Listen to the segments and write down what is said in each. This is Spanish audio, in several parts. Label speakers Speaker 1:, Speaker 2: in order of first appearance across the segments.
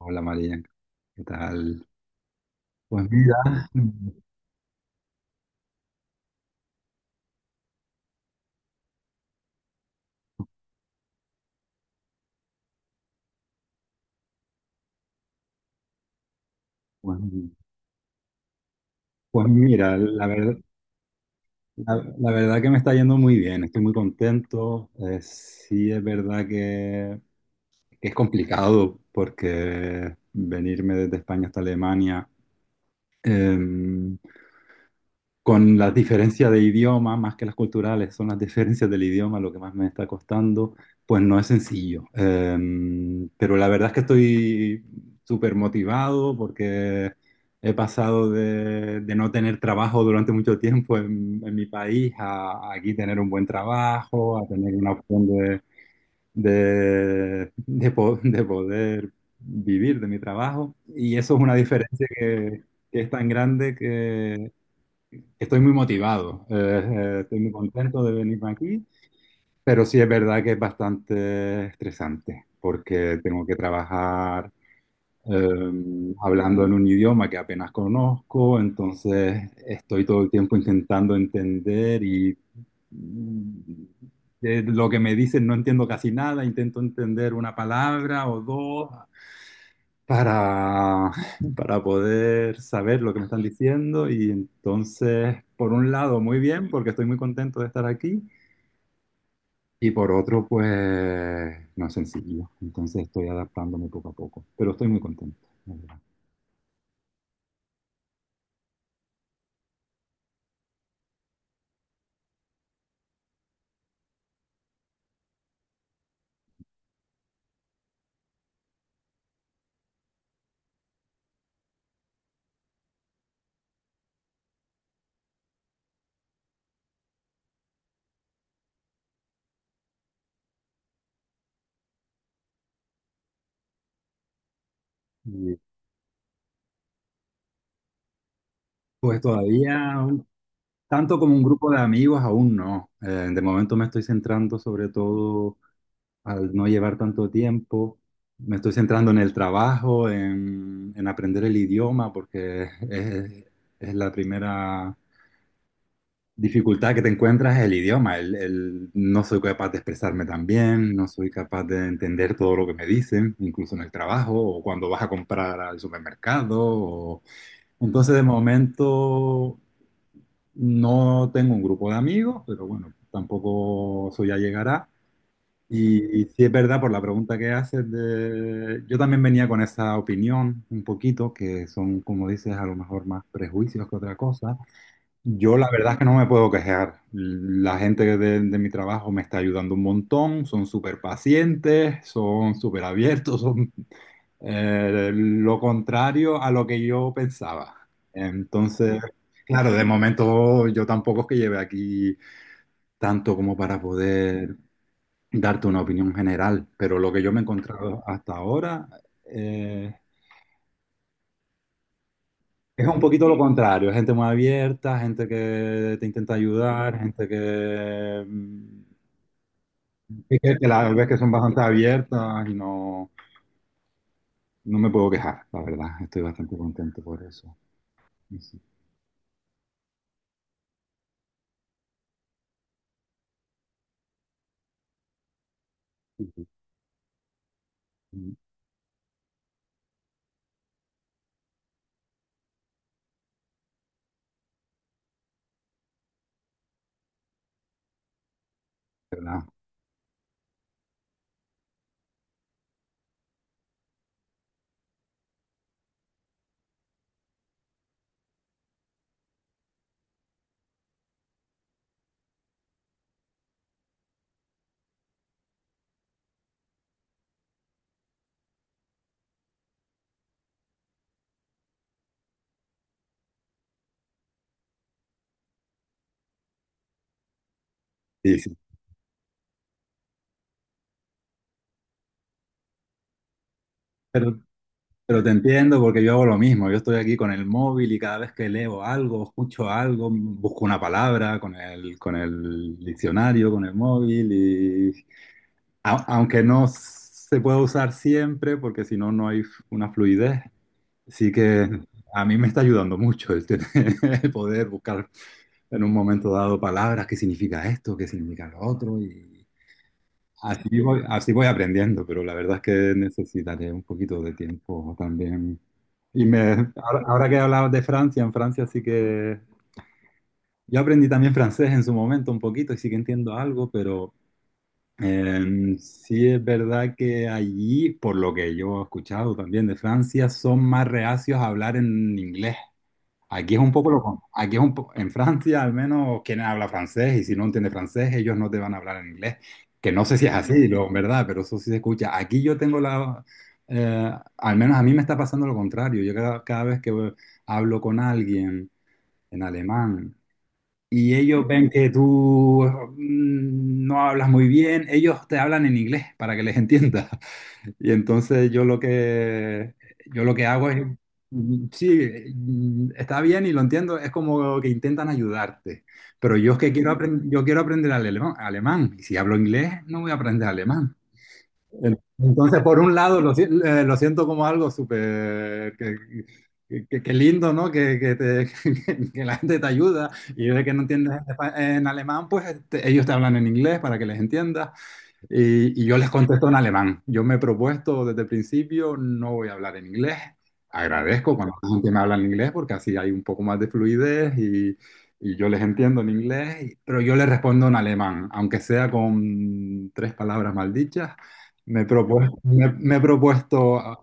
Speaker 1: Hola María, ¿qué tal? Pues mira, pues, pues mira, la verdad, la verdad que me está yendo muy bien, estoy muy contento. Sí es verdad que es complicado porque venirme desde España hasta Alemania, eh, con las diferencias de idioma, más que las culturales, son las diferencias del idioma lo que más me está costando, pues no es sencillo. Pero la verdad es que estoy súper motivado porque he pasado de no tener trabajo durante mucho tiempo en mi país a aquí tener un buen trabajo, a tener una opción de poder vivir de mi trabajo. Y eso es una diferencia que es tan grande. Estoy muy motivado, estoy muy contento de venir aquí, pero sí es verdad que es bastante estresante porque tengo que trabajar hablando en un idioma que apenas conozco. Entonces estoy todo el tiempo intentando entender y mm, de lo que me dicen no entiendo casi nada, intento entender una palabra o dos, para, para poder saber lo que me están diciendo. Y entonces, por un lado, muy bien, porque estoy muy contento de estar aquí y por otro, pues no es sencillo. Entonces estoy adaptándome poco a poco, pero estoy muy contento, la verdad. Pues todavía, tanto como un grupo de amigos, aún no. De momento me estoy centrando sobre todo, al no llevar tanto tiempo. Me estoy centrando en el trabajo, en aprender el idioma, porque es la primera dificultad que te encuentras, es el idioma. No soy capaz de expresarme tan bien, no soy capaz de entender todo lo que me dicen, incluso en el trabajo o cuando vas a comprar al supermercado. Entonces, de momento, no tengo un grupo de amigos, pero bueno, tampoco, eso ya llegará. Y sí es verdad, por la pregunta que haces, de... yo también venía con esa opinión un poquito, que son, como dices, a lo mejor más prejuicios que otra cosa. Yo la verdad es que no me puedo quejar. La gente de mi trabajo me está ayudando un montón, son súper pacientes, son súper abiertos, lo contrario a lo que yo pensaba. Entonces, claro, de momento yo tampoco es que lleve aquí tanto como para poder darte una opinión general, pero lo que yo me he encontrado hasta ahora, eh, es un poquito lo contrario, gente muy abierta, gente que te intenta ayudar, que la ves que son bastante abiertas y no, no me puedo quejar, la verdad, estoy bastante contento por eso. Sí, sí, sí, sí, ¿verdad? Sí, sí. Pero, pero te entiendo porque yo hago lo mismo. Yo estoy aquí con el móvil y cada vez que leo algo, escucho algo, busco una palabra con el diccionario, con el móvil y aunque no se pueda usar siempre porque si no, no hay una fluidez. Sí que a mí me está ayudando mucho el poder buscar en un momento dado palabras, qué significa esto, qué significa lo otro y así voy aprendiendo, pero la verdad es que necesitaré un poquito de tiempo también. Ahora que hablabas de Francia, en Francia sí que... Yo aprendí también francés en su momento un poquito y sí que entiendo algo, pero sí es verdad que allí, por lo que yo he escuchado también de Francia, son más reacios a hablar en inglés. Aquí es un poco lo, con- aquí es un po- En Francia al menos quien habla francés, y si no entiende francés, ellos no te van a hablar en inglés, que no sé si es así lo, en verdad, pero eso sí se escucha. Aquí yo tengo eh, al menos a mí me está pasando lo contrario. Yo cada vez que hablo con alguien en alemán y ellos ven que tú no hablas muy bien, ellos te hablan en inglés para que les entiendas. Y entonces yo lo que hago es, mm, sí, está bien y lo entiendo, es como que intentan ayudarte, pero yo es que quiero aprender, yo quiero aprender alemán, y si hablo inglés no voy a aprender alemán. Entonces, por un lado, lo, si- lo siento como algo súper que lindo, ¿no? Que que la gente te ayuda, y de que no entiendes en, en alemán, pues ellos te hablan en inglés para que les entiendas. Y yo les contesto en alemán. Yo me he propuesto desde el principio, no voy a hablar en inglés. Agradezco cuando la gente me habla en inglés porque así hay un poco más de fluidez, y yo les entiendo en inglés, pero yo les respondo en alemán, aunque sea con tres palabras maldichas. Me he propuesto,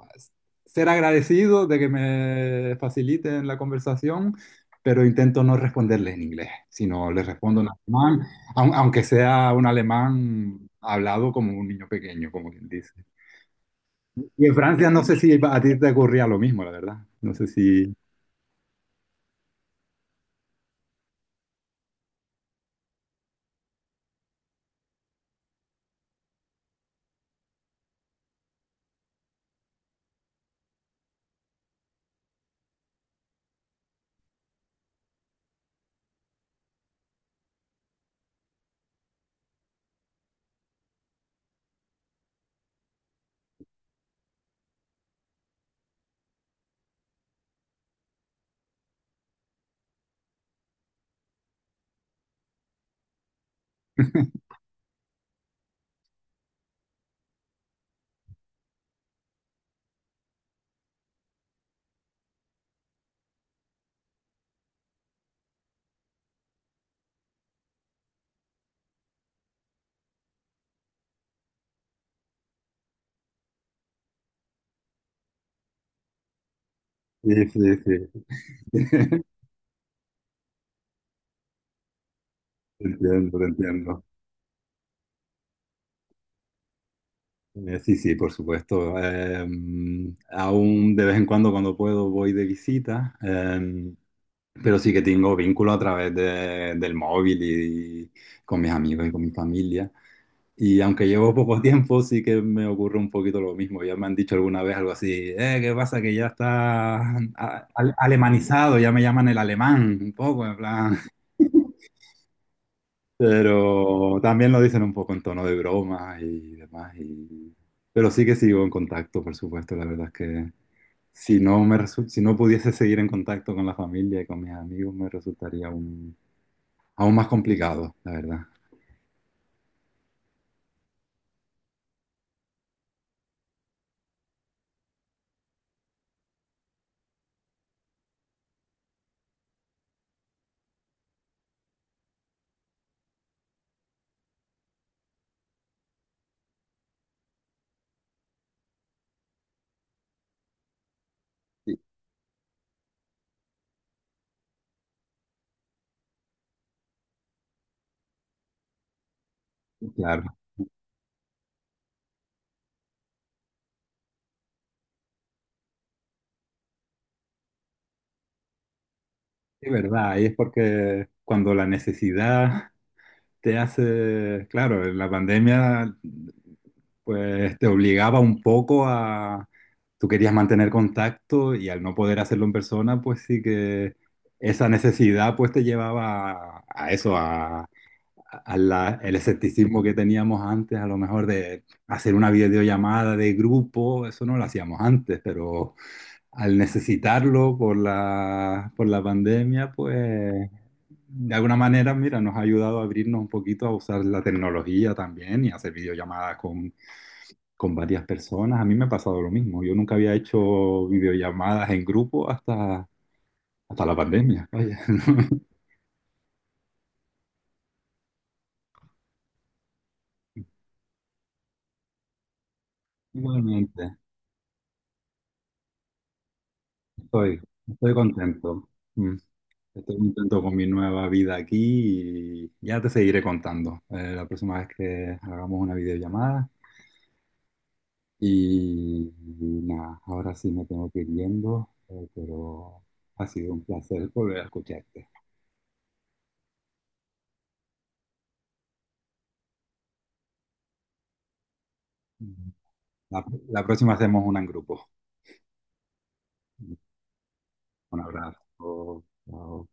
Speaker 1: ser agradecido de que me faciliten la conversación, pero intento no responderles en inglés, sino les respondo en alemán. Aunque sea un alemán hablado como un niño pequeño, como quien dice. Y en Francia no sé si a ti te ocurría lo mismo, la verdad. No sé si... Sí, sí, sí. Te entiendo, te entiendo. Sí, sí, por supuesto. Aún de vez en cuando, cuando puedo, voy de visita, pero sí que tengo vínculo a través del móvil y con mis amigos y con mi familia. Y aunque llevo poco tiempo, sí que me ocurre un poquito lo mismo. Ya me han dicho alguna vez algo así, ¿qué pasa? Que ya está alemanizado, ya me llaman el alemán, un poco, en plan. Pero también lo dicen un poco en tono de broma y demás. Pero sí que sigo en contacto, por supuesto. La verdad es que si no pudiese seguir en contacto con la familia y con mis amigos, me resultaría aún más complicado, la verdad. Sí, claro, es verdad, y es porque cuando la necesidad te hace, claro, la pandemia pues te obligaba un poco a, tú querías mantener contacto y al no poder hacerlo en persona, pues sí que esa necesidad pues te llevaba a eso, a el escepticismo que teníamos antes, a lo mejor, de hacer una videollamada de grupo, eso no lo hacíamos antes, pero al necesitarlo por la pandemia, pues de alguna manera, mira, nos ha ayudado a abrirnos un poquito a usar la tecnología también y a hacer videollamadas con varias personas. A mí me ha pasado lo mismo. Yo nunca había hecho videollamadas en grupo hasta la pandemia. Vaya, ¿no? Igualmente, estoy, estoy contento. Mm, Estoy contento con mi nueva vida aquí y ya te seguiré contando, la próxima vez que hagamos una videollamada. Y nada, ahora sí me tengo que ir yendo, pero ha sido un placer volver a escucharte. La próxima hacemos una en grupo. Un abrazo. Chao.